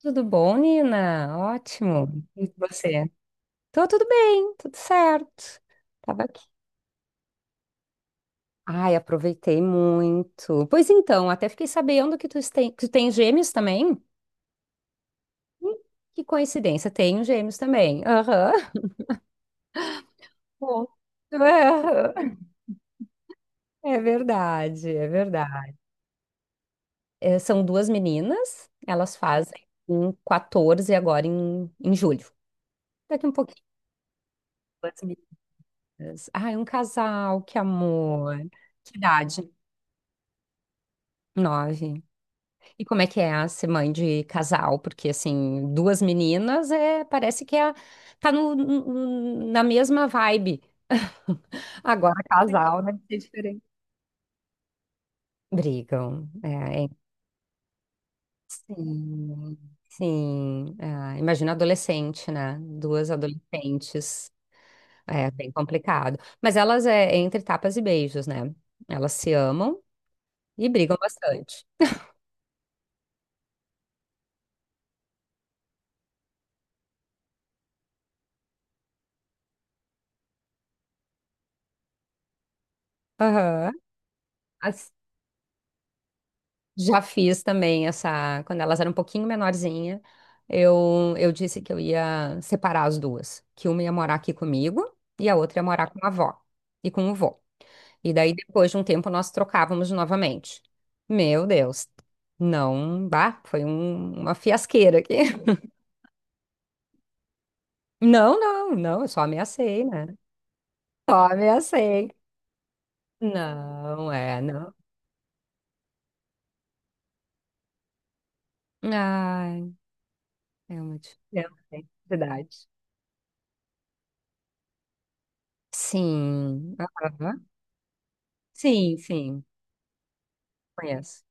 Tudo bom, Nina? Ótimo. E você? Tô tudo bem, tudo certo. Tava aqui. Ai, aproveitei muito. Pois então, até fiquei sabendo que tu tem gêmeos também. Hum. Que coincidência, tenho gêmeos também. Aham. Bom. Aham. É verdade, é verdade. É, são duas meninas, elas fazem um 14 agora em julho. Daqui um pouquinho, duas meninas. Ai, um casal, que amor. Que idade? Nove. E como é que é a ser mãe de casal? Porque, assim, duas meninas é, parece que é, tá na mesma vibe. Agora, casal, né? É diferente. Brigam. Sim, sim. É, imagina adolescente, né? Duas adolescentes. É bem complicado. Mas elas é entre tapas e beijos, né? Elas se amam e brigam bastante. Aham. Já fiz também essa. Quando elas eram um pouquinho menorzinha, eu disse que eu ia separar as duas. Que uma ia morar aqui comigo e a outra ia morar com a avó e com o vô. E daí, depois de um tempo, nós trocávamos novamente. Meu Deus. Não, bah, foi uma fiasqueira aqui. Não, não, não, eu só ameacei, né? Só ameacei. Não, é, não. Ai, é uma diferença, hein? Verdade. Sim. Aham. Sim, sim. Conheço.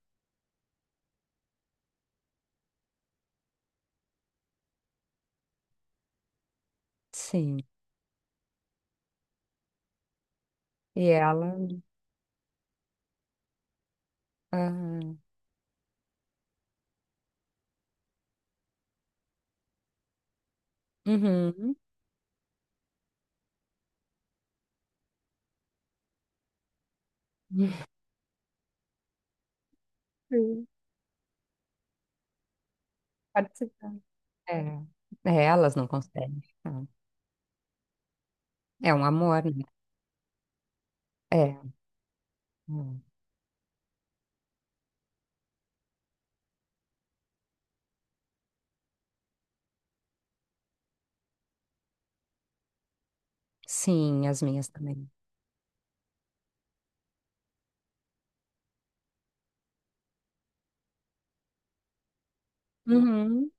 Sim. E ela. Ah, uhum. Sim. Participando. É. É, elas não conseguem. Não. É um amor, né? É. Hum. Sim, as minhas também. Uhum.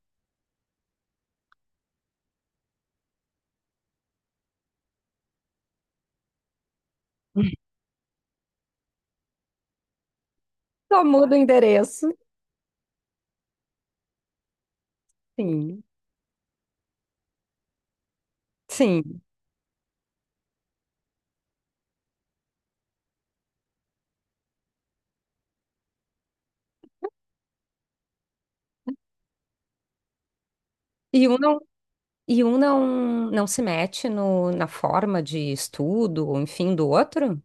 Só muda o endereço. Sim. Sim. E um não, e um não, não se mete no, na forma de estudo, ou enfim, do outro?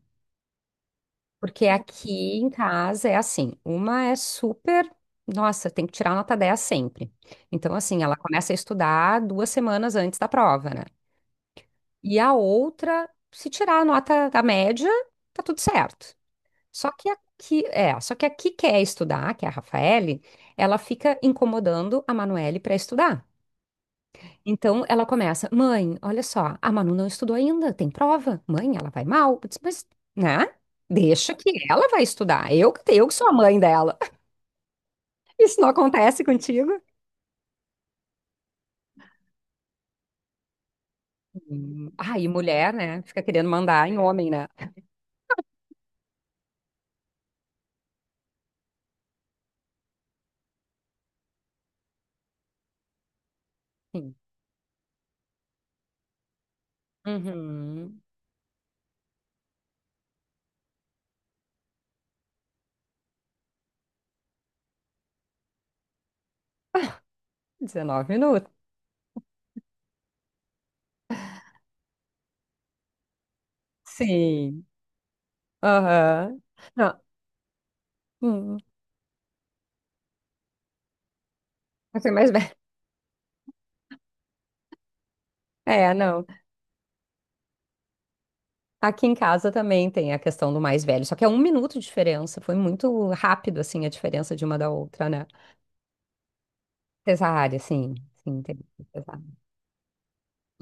Porque aqui em casa é assim, uma é super, nossa, tem que tirar nota 10 sempre. Então, assim, ela começa a estudar duas semanas antes da prova, né? E a outra, se tirar a nota da média, tá tudo certo. Só que aqui quer estudar, que é a Rafaele, ela fica incomodando a Manuele para estudar. Então ela começa, mãe, olha só, a Manu não estudou ainda, tem prova. Mãe, ela vai mal. Eu disse, mas, né? Deixa que ela vai estudar. Eu que sou a mãe dela. Isso não acontece contigo? Hum. Ah, e mulher, né? Fica querendo mandar em homem, né? Sim. Uhum. 19 minutos. Sim. Aham. Não. Hum. Você é mais velho. É, não. Aqui em casa também tem a questão do mais velho, só que é um minuto de diferença. Foi muito rápido, assim, a diferença de uma da outra, né? Cesárea, sim. Sim, teve cesárea.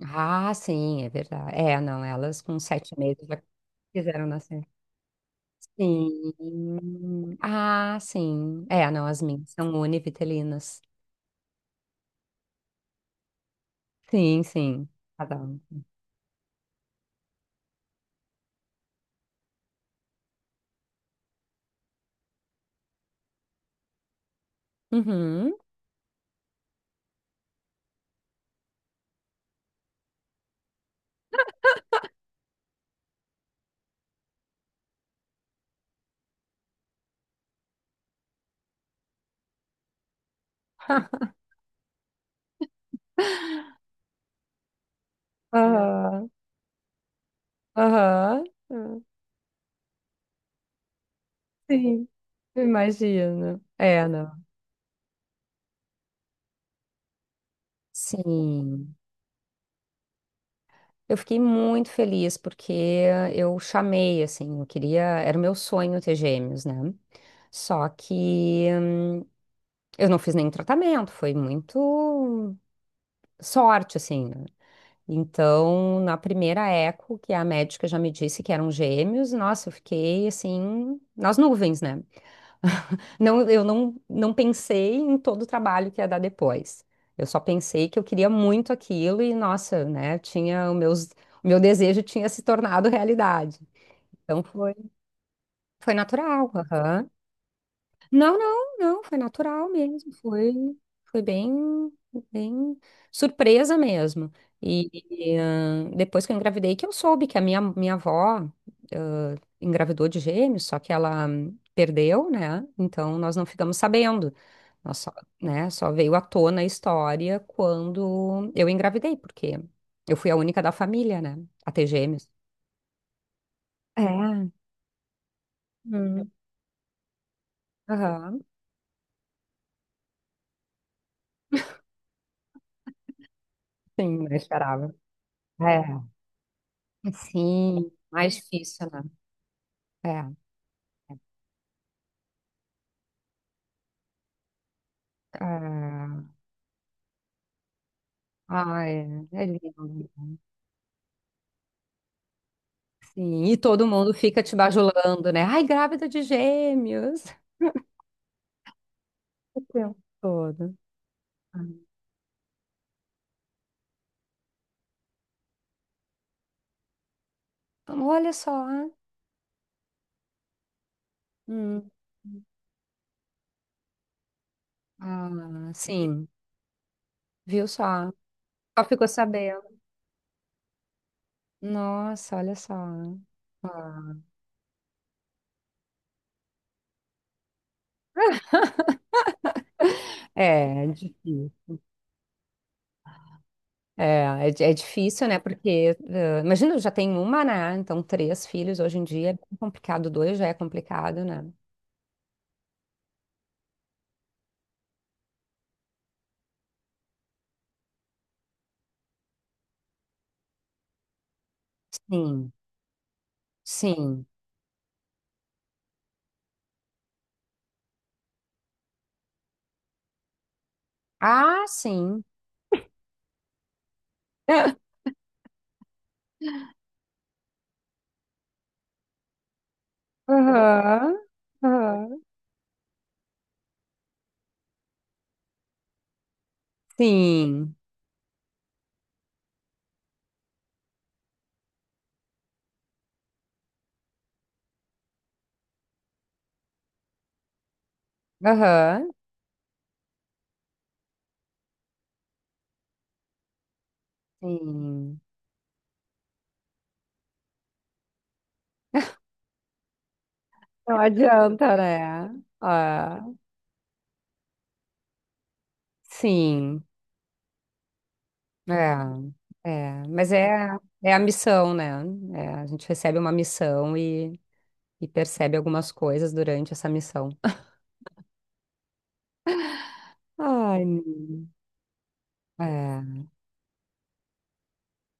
Ah, sim, é verdade. É, não, elas com sete meses já quiseram nascer. Sim. Ah, sim. É, não, as minhas são univitelinas. Sim, sim. Cada um. Uhum. Aham. Aham. Aham. Sim. Imagino. É, não. Sim. Eu fiquei muito feliz porque eu chamei, assim, eu queria, era o meu sonho ter gêmeos, né? Só que eu não fiz nenhum tratamento, foi muito sorte, assim, né? Então, na primeira eco, que a médica já me disse que eram gêmeos, nossa, eu fiquei assim, nas nuvens, né? Não, eu não pensei em todo o trabalho que ia dar depois. Eu só pensei que eu queria muito aquilo e, nossa, né, tinha o meu desejo tinha se tornado realidade. Então foi natural. Aham. Não, não, não, foi natural mesmo, foi bem surpresa mesmo. E, e, depois que eu engravidei, que eu soube que a minha avó, engravidou de gêmeos, só que ela perdeu, né? Então nós não ficamos sabendo. Nós só, né, só veio à tona a história quando eu engravidei, porque eu fui a única da família, né, a ter gêmeos. É. Hum. Aham. Sim, não esperava. É. Sim, mais difícil, né? É, é, ai, é lindo. Sim, e todo mundo fica te bajulando, né? Ai, grávida de gêmeos. O tempo todo. Ah, olha só. Hum. Ah, sim, viu só? Só ficou sabendo. Nossa, olha só. Ah, é difícil. É difícil, né? Porque, imagina, eu já tenho uma, né? Então, três filhos hoje em dia é bem complicado, dois já é complicado, né? Sim, sim. Ah, sim. Aham, aham. Sim, aham. Sim, não adianta, né? Ah, sim. É, é. Mas é a missão, né? É, a gente recebe uma missão e percebe algumas coisas durante essa missão. Ai, menino. é,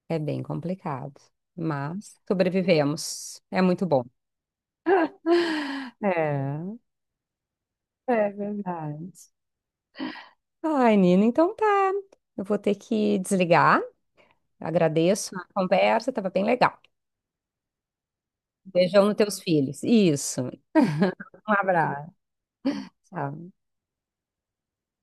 é bem complicado. Mas sobrevivemos. É muito bom. É. É verdade. Ai, Nina, então tá. Eu vou ter que desligar. Agradeço a conversa, estava bem legal. Beijão nos teus filhos. Isso. Um abraço. Tchau.